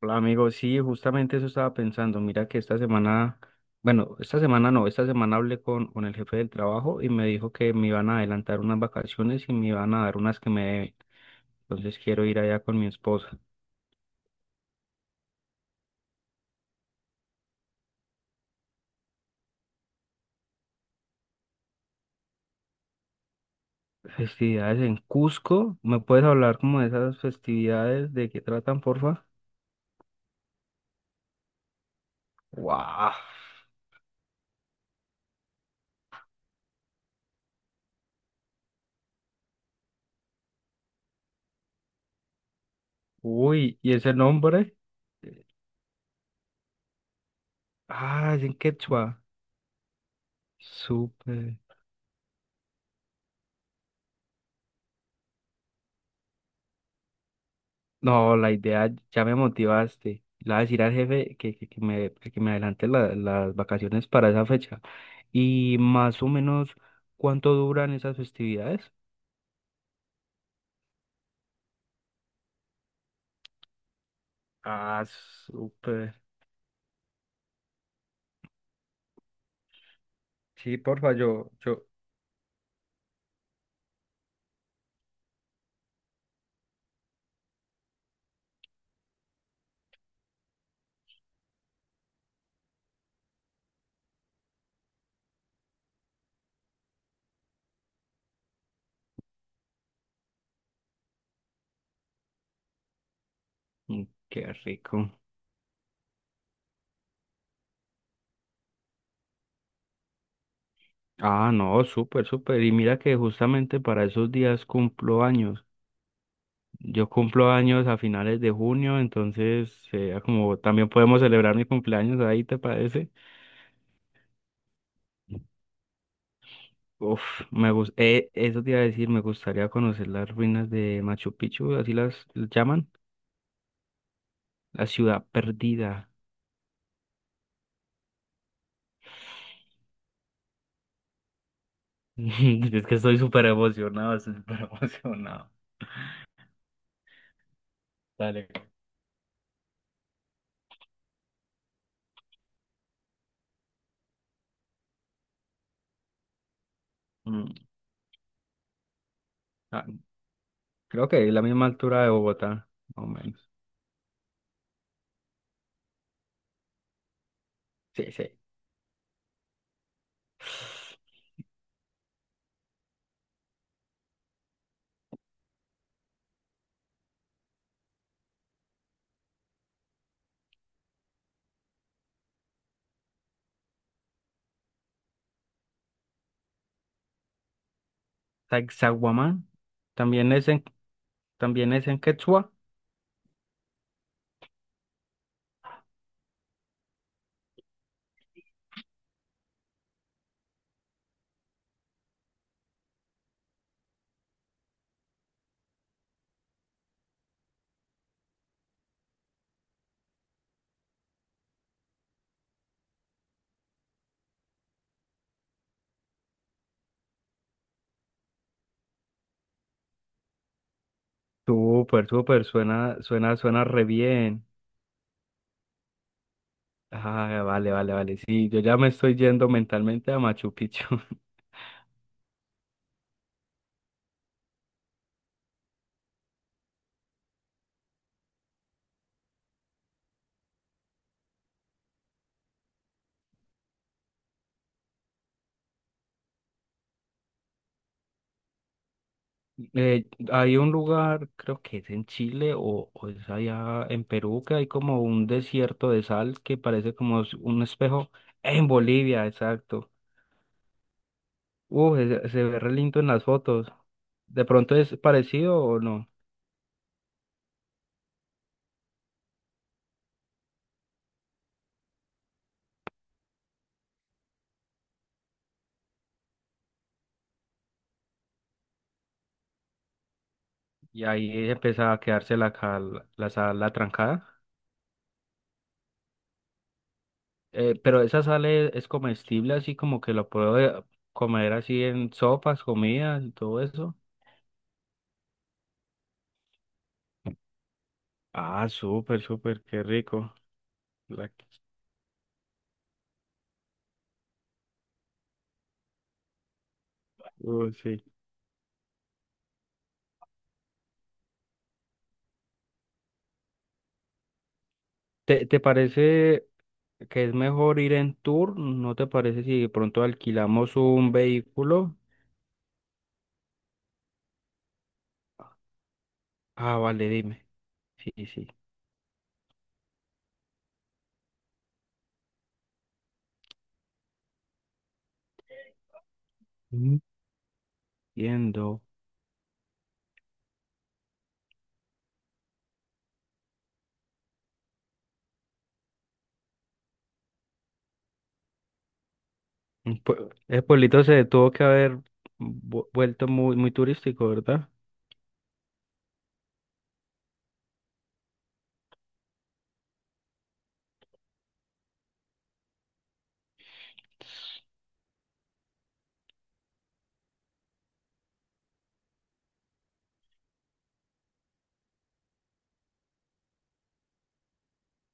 Hola amigo, sí, justamente eso estaba pensando. Mira que esta semana, bueno, esta semana no, esta semana hablé con el jefe del trabajo y me dijo que me iban a adelantar unas vacaciones y me iban a dar unas que me deben. Entonces quiero ir allá con mi esposa. Festividades en Cusco, ¿me puedes hablar como de esas festividades? ¿De qué tratan, porfa? ¡Wow! Uy, ¿y ese nombre? Ah, es en quechua. Súper. No, la idea ya me motivaste. Le voy a decir al jefe que me adelante las vacaciones para esa fecha. Y más o menos, ¿cuánto duran esas festividades? Ah, súper. Sí, porfa, yo. Mm, qué rico. Ah, no, súper, súper. Y mira que justamente para esos días cumplo años. Yo cumplo años a finales de junio, entonces, como también podemos celebrar mi cumpleaños ahí, ¿te parece? Uf, eso te iba a decir, me gustaría conocer las ruinas de Machu Picchu, así las llaman, la ciudad perdida. Es que estoy súper emocionado, estoy súper emocionado. Dale. Mm, ah, creo que es la misma altura de Bogotá, más o menos. Sí, sí. Sacsayhuamán, también es en, también es en quechua. Súper, súper, suena, suena, suena re bien. Ah, vale, vale, vale. Sí, yo ya me estoy yendo mentalmente a Machu Picchu. Hay un lugar, creo que es en Chile o es allá en Perú, que hay como un desierto de sal que parece como un espejo. En Bolivia, exacto. Se ve re lindo en las fotos. ¿De pronto es parecido o no? Y ahí empieza a quedarse la sal, la trancada. Pero esa sal es comestible, así como que la puedo comer así en sopas, comidas y todo eso. Ah, súper, súper, qué rico. La... sí. ¿Te parece que es mejor ir en tour? ¿No te parece si de pronto alquilamos un vehículo? Ah, vale, dime. Sí, sí. Entiendo. El pueblito se tuvo que haber vuelto muy, muy turístico, ¿verdad?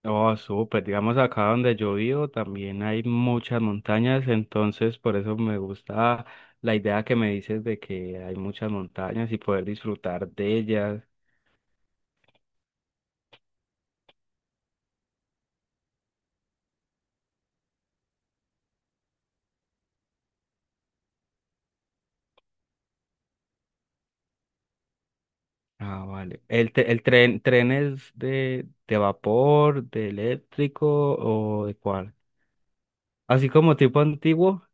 Oh, súper. Digamos, acá donde yo vivo también hay muchas montañas, entonces por eso me gusta la idea que me dices de que hay muchas montañas y poder disfrutar de ellas. Ah, vale. ¿El tren es de vapor, de eléctrico o de cuál? Así como tipo antiguo.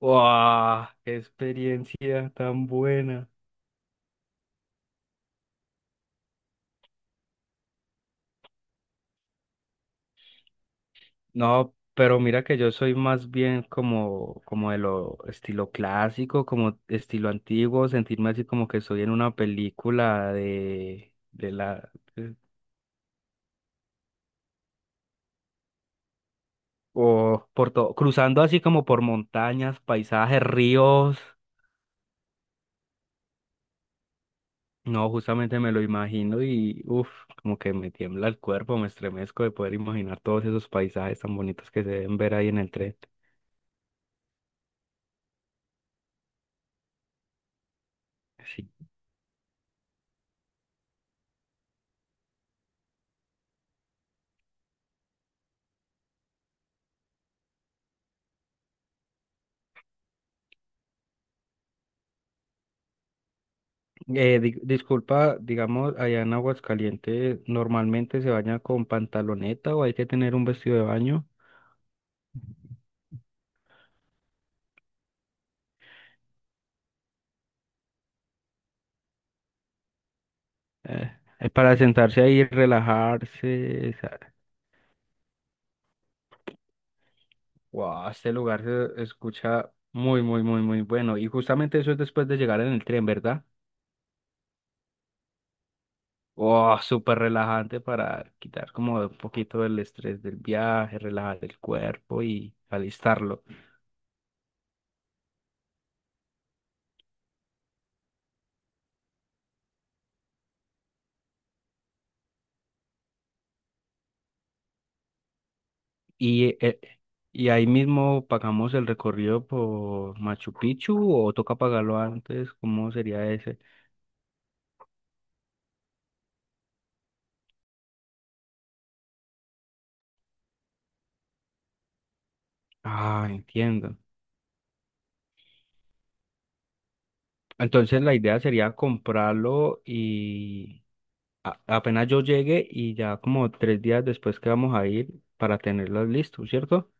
¡Wow! ¡Qué experiencia tan buena! No, pero mira que yo soy más bien como, como de lo estilo clásico, como estilo antiguo, sentirme así como que estoy en una película de la... de- o por todo, cruzando así como por montañas, paisajes, ríos. No, justamente me lo imagino y uff, como que me tiembla el cuerpo, me estremezco de poder imaginar todos esos paisajes tan bonitos que se deben ver ahí en el tren. Sí. Disculpa, digamos, allá en Aguascalientes, ¿normalmente se baña con pantaloneta o hay que tener un vestido de baño? Eh, para sentarse ahí y relajarse. Wow, este lugar se escucha muy, muy, muy, muy bueno. Y justamente eso es después de llegar en el tren, ¿verdad? Oh, súper relajante para quitar como un poquito el estrés del viaje, relajar el cuerpo y alistarlo. Y, eh, y ahí mismo pagamos el recorrido por Machu Picchu o toca pagarlo antes, ¿cómo sería ese? Ah, entiendo. Entonces la idea sería comprarlo y apenas yo llegue y ya como tres días después que vamos a ir para tenerlos listos, ¿cierto?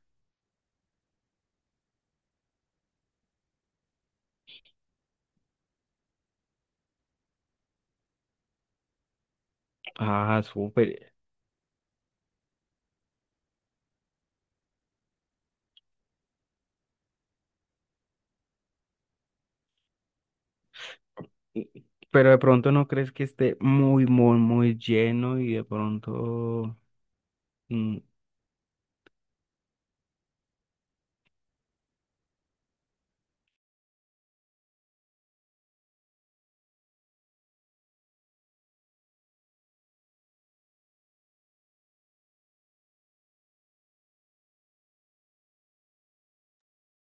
Ah, súper. Pero de pronto no crees que esté muy, muy, muy lleno y de pronto... mm,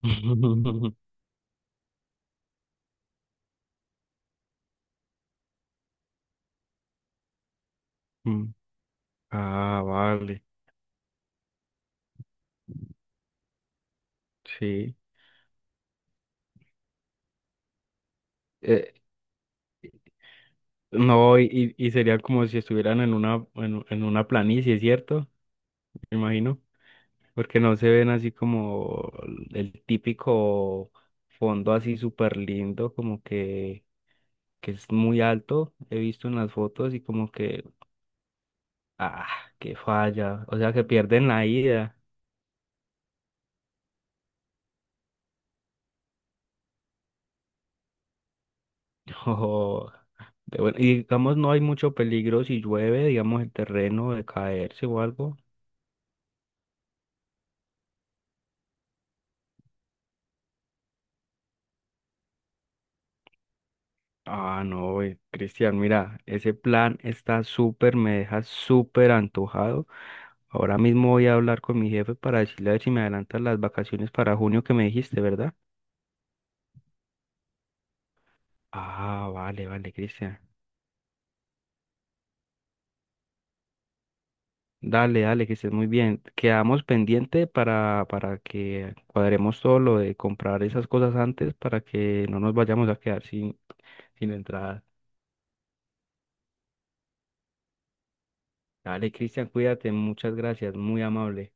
mm, ah, vale, sí. Eh, no, y sería como si estuvieran en una planicie, ¿cierto? Me imagino. Porque no se ven así como el típico fondo así súper lindo, como que es muy alto. He visto en las fotos y como que ah, qué falla. O sea que pierden la ida. Ojo. Y digamos, no hay mucho peligro si llueve, digamos, el terreno de caerse o algo. Ah, no, güey, Cristian, mira, ese plan está súper, me deja súper antojado. Ahora mismo voy a hablar con mi jefe para decirle a ver si me adelantan las vacaciones para junio que me dijiste, ¿verdad? Ah, vale, vale, Cristian. Dale, dale, que estés muy bien. Quedamos pendiente para que cuadremos todo lo de comprar esas cosas antes para que no nos vayamos a quedar sin, sin entrada. Dale, Cristian, cuídate, muchas gracias, muy amable.